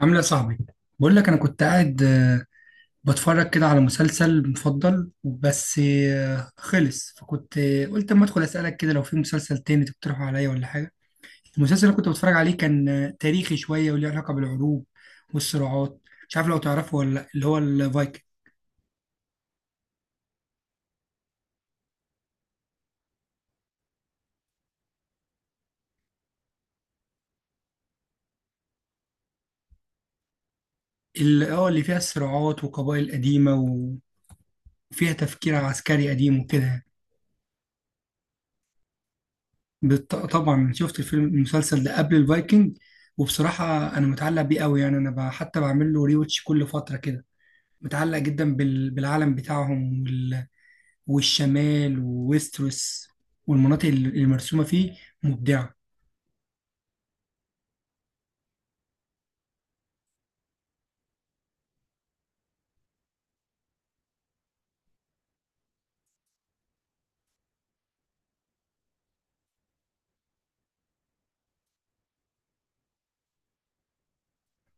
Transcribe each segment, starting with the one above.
عامل ايه يا صاحبي؟ بقول لك انا كنت قاعد بتفرج كده على مسلسل مفضل بس. خلص فكنت قلت اما ادخل اسالك كده لو في مسلسل تاني تقترحه عليا ولا حاجه. المسلسل اللي كنت بتفرج عليه كان تاريخي شويه وليه علاقه بالحروب والصراعات. مش عارف لو تعرفه ولا لأ، اللي هو الفايكنج. اللي فيها الصراعات وقبائل قديمه وفيها تفكير عسكري قديم وكده يعني. طبعا شفت الفيلم المسلسل ده قبل الفايكنج. وبصراحة أنا متعلق بيه قوي يعني أنا حتى بعمل له ريوتش كل فترة كده. متعلق جدا بالعالم بتاعهم والشمال وويستروس والمناطق المرسومة فيه. مبدعة.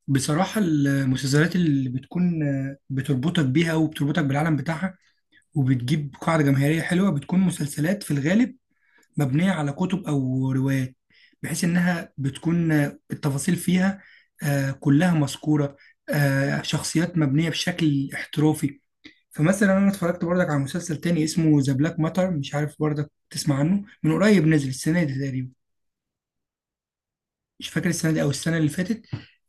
بصراحة المسلسلات اللي بتكون بتربطك بيها وبتربطك بالعالم بتاعها وبتجيب قاعدة جماهيرية حلوة بتكون مسلسلات في الغالب مبنية على كتب أو روايات، بحيث إنها بتكون التفاصيل فيها كلها مذكورة، شخصيات مبنية بشكل احترافي. فمثلا أنا اتفرجت برضك على مسلسل تاني اسمه ذا بلاك ماتر، مش عارف برضك تسمع عنه من قريب، نزل السنة دي تقريبا، مش فاكر السنة دي أو السنة اللي فاتت.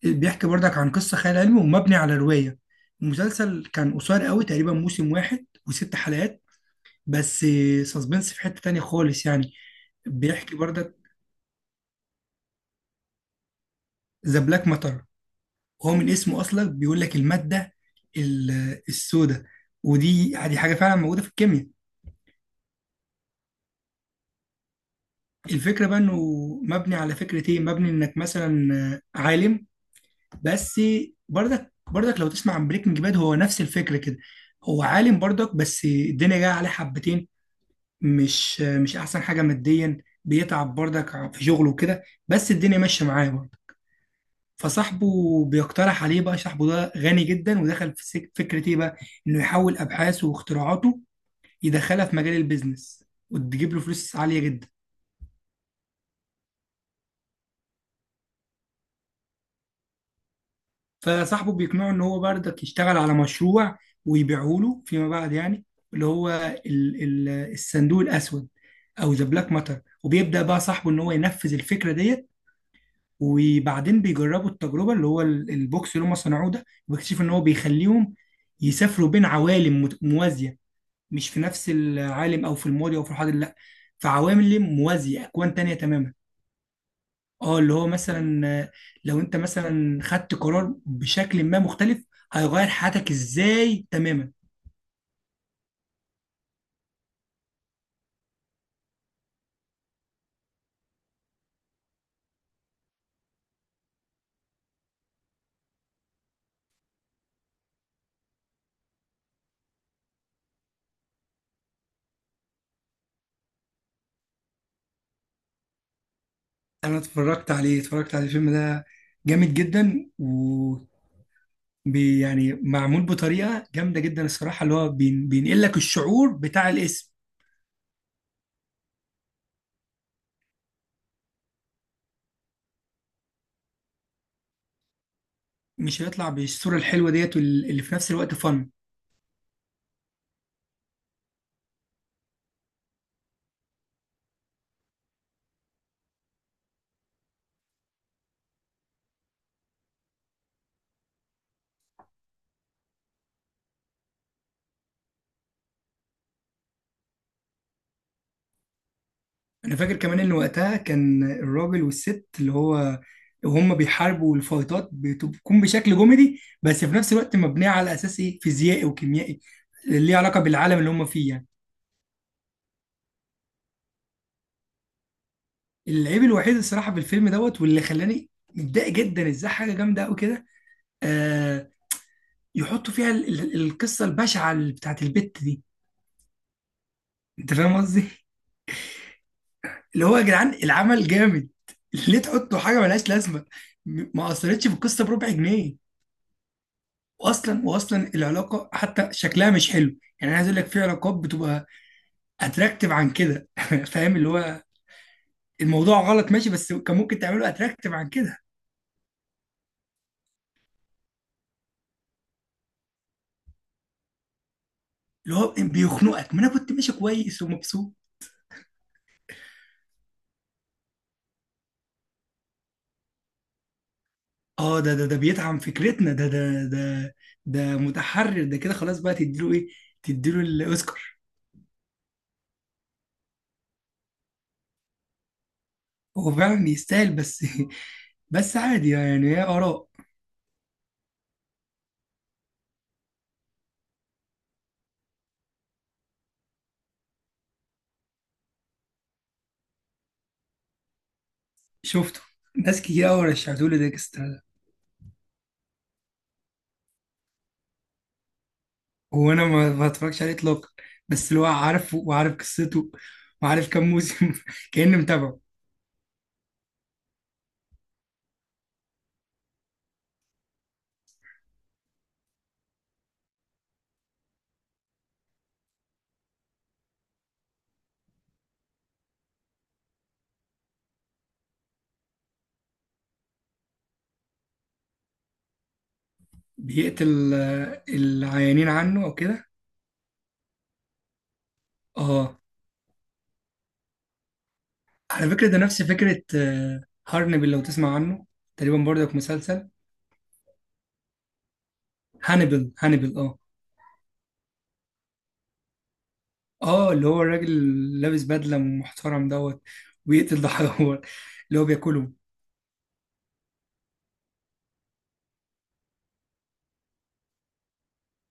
بيحكي برضك عن قصة خيال علمي ومبني على رواية. المسلسل كان قصير قوي، تقريبا موسم واحد وست حلقات بس. سسبنس في حتة تانية خالص يعني. بيحكي برضك ذا بلاك ماتر، وهو من اسمه اصلا بيقول لك الماده السوداء. ودي حاجه فعلا موجوده في الكيمياء. الفكره بقى انه مبني على فكره ايه، مبني انك مثلا عالم. بس برضك لو تسمع عن بريكنج باد، هو نفس الفكره كده. هو عالم برضك بس الدنيا جايه عليه حبتين، مش احسن حاجه ماديا. بيتعب برضك في شغله وكده بس الدنيا ماشيه معاه برضه. فصاحبه بيقترح عليه، بقى صاحبه ده غني جدا ودخل في فكره ايه بقى، انه يحول ابحاثه واختراعاته، يدخلها في مجال البيزنس وتجيب له فلوس عالية جدا. فصاحبه بيقنعه ان هو بردك يشتغل على مشروع ويبيعه له فيما بعد يعني، اللي هو ال ال الصندوق الاسود او ذا بلاك ماتر. وبيبدأ بقى صاحبه ان هو ينفذ الفكرة ديت، وبعدين بيجربوا التجربة اللي هو البوكس اللي هم صنعوه ده، وبيكتشفوا ان هو بيخليهم يسافروا بين عوالم موازية. مش في نفس العالم او في الماضي او في الحاضر، لا، في عوالم موازية، اكوان تانية تماما. اه اللي هو مثلا لو انت مثلا خدت قرار بشكل ما مختلف، هيغير حياتك ازاي تماما. انا اتفرجت على الفيلم ده. جامد جدا. و يعني معمول بطريقه جامده جدا الصراحه، اللي هو بينقل لك الشعور بتاع الاسم. مش هيطلع بالصوره الحلوه ديت اللي في نفس الوقت فن. انا فاكر كمان ان وقتها كان الراجل والست، اللي هو وهم بيحاربوا الفايتات، بتكون بشكل كوميدي بس في نفس الوقت مبنيه على اساس ايه فيزيائي وكيميائي، ليه علاقه بالعالم اللي هم فيه يعني. العيب الوحيد الصراحه في الفيلم دوت، واللي خلاني متضايق جدا، ازاي حاجه جامده قوي كده آه يحطوا فيها القصه البشعه بتاعت البت دي. انت فاهم قصدي. اللي هو يا جدعان، العمل جامد، ليه تحطوا حاجه ملهاش لازمه؟ ما اثرتش في القصه بربع جنيه. واصلا العلاقه حتى شكلها مش حلو. يعني انا عايز اقول لك، في علاقات بتبقى اتراكتيف عن كده فاهم اللي هو الموضوع غلط ماشي، بس كان ممكن تعمله اتراكتيف عن كده. اللي هو بيخنقك، ما انا كنت ماشي كويس ومبسوط. اه ده بيدعم فكرتنا ده. ده متحرر، ده كده خلاص بقى تديله ايه؟ تديله الاوسكار. هو فعلا يستاهل بس بس عادي يعني، هي اراء. شفته. ناس كتير قوي رشحتولي ديكستر، وانا ما اتفرجش عليه اطلاقا، بس اللي هو عارفه وعارف قصته وعارف كام موسم كأني متابعه. بيقتل العيانين عنه او كده. اه على فكره، ده نفس فكره هارنبل لو تسمع عنه، تقريبا برضك مسلسل. هانيبال هانيبال اه. اه اللي هو الراجل اللي لابس بدله محترم دوت، ويقتل ده حيوان اللي هو بياكله.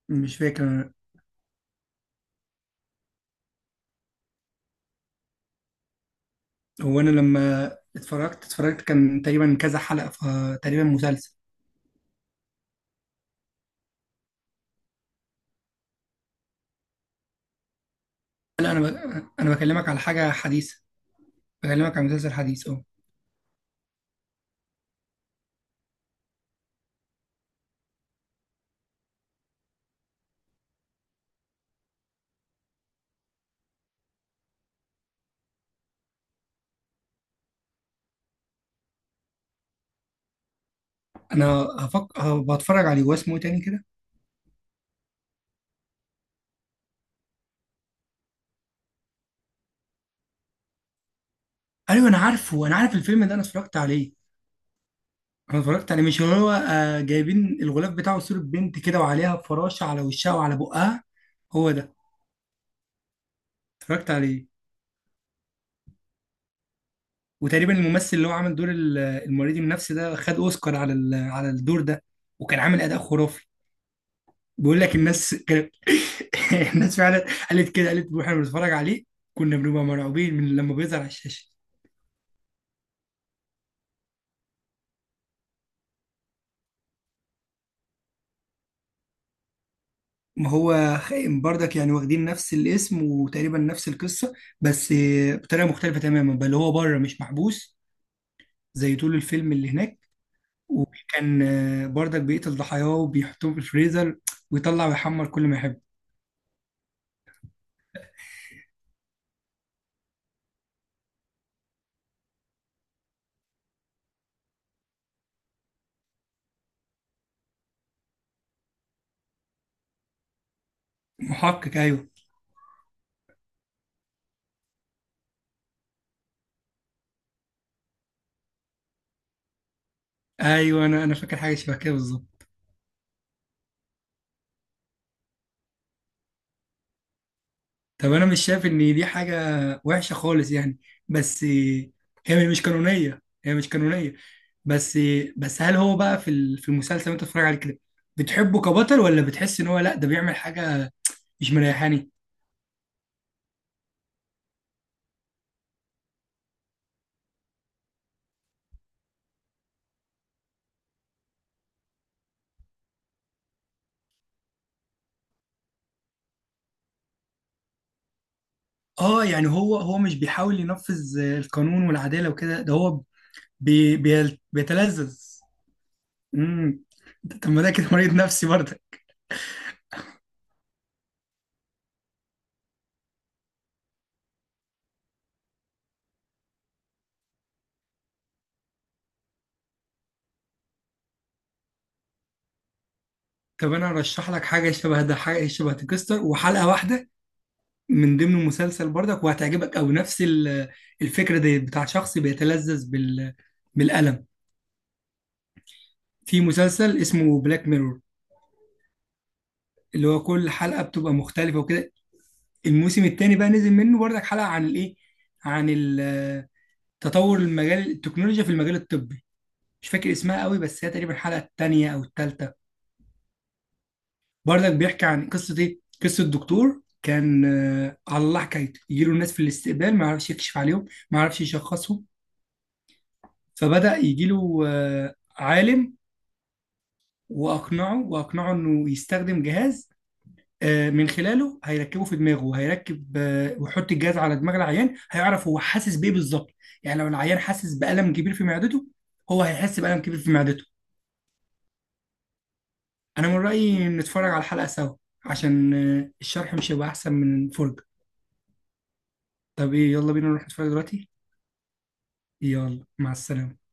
مش فاكر أنا. هو انا لما اتفرجت كان تقريبا كذا حلقه، فتقريبا مسلسل. لا انا بكلمك على حاجه حديثه، بكلمك على مسلسل حديث اه. انا بتفرج عليه، واسمه إيه تاني كده؟ ايوه انا عارف الفيلم ده، انا اتفرجت عليه. انا اتفرجت عليه، مش هو جايبين الغلاف بتاعه صوره بنت كده وعليها فراشه على وشها وعلى بقها. هو ده. اتفرجت عليه، وتقريبا الممثل اللي هو عامل دور المريض النفسي ده خد اوسكار على الدور ده. وكان عامل اداء خرافي. بقول لك الناس كانت الناس فعلا قالت كده، قالت واحنا بنتفرج عليه كنا بنبقى مرعوبين من لما بيظهر على الشاشه. ما هو خائن برضك يعني، واخدين نفس الاسم وتقريبا نفس القصه، بس بطريقه مختلفه تماما، بل هو بره مش محبوس زي طول الفيلم اللي هناك. وكان برضك بيقتل ضحاياه وبيحطهم في الفريزر، ويطلع ويحمر كل ما يحب. محقق ايوه. ايوه انا فاكر حاجه شبه كده بالظبط. طب انا مش شايف ان دي حاجه وحشه خالص يعني، بس هي مش قانونيه، هي مش قانونيه. بس هل هو بقى في في المسلسل اللي انت بتتفرج عليه كده بتحبه كبطل، ولا بتحس ان هو لا ده بيعمل حاجه مش مريحاني؟ اه يعني هو مش بيحاول ينفذ القانون والعداله وكده، ده هو بيتلذذ. امم. طب ما ده كده مريض نفسي برضه. طب انا ارشح لك حاجه شبه ده، حاجه شبه تكستر، وحلقه واحده من ضمن المسلسل برضك وهتعجبك أوي، نفس الفكرة دي بتاع شخص بيتلذذ بالألم، في مسلسل اسمه بلاك ميرور. اللي هو كل حلقة بتبقى مختلفة وكده. الموسم التاني بقى نزل منه برضك حلقة عن الإيه، عن تطور المجال التكنولوجيا في المجال الطبي. مش فاكر اسمها قوي بس هي تقريبا الحلقة التانية أو التالتة. برضك بيحكي عن قصة إيه، قصة دكتور كان على الله حكايته، يجيله الناس في الاستقبال ما يعرفش يكشف عليهم، ما يعرفش يشخصهم. فبدأ يجي له عالم، وأقنعه إنه يستخدم جهاز، من خلاله هيركبه في دماغه وهيركب، ويحط الجهاز على دماغ العيان، هيعرف هو حاسس بإيه بالظبط. يعني لو العيان حاسس بألم كبير في معدته، هو هيحس بألم كبير في معدته. أنا من رأيي نتفرج على الحلقة سوا عشان الشرح مش هيبقى أحسن من الفرجة. طب إيه، يلا بينا نروح نتفرج دلوقتي. يلا مع السلامة.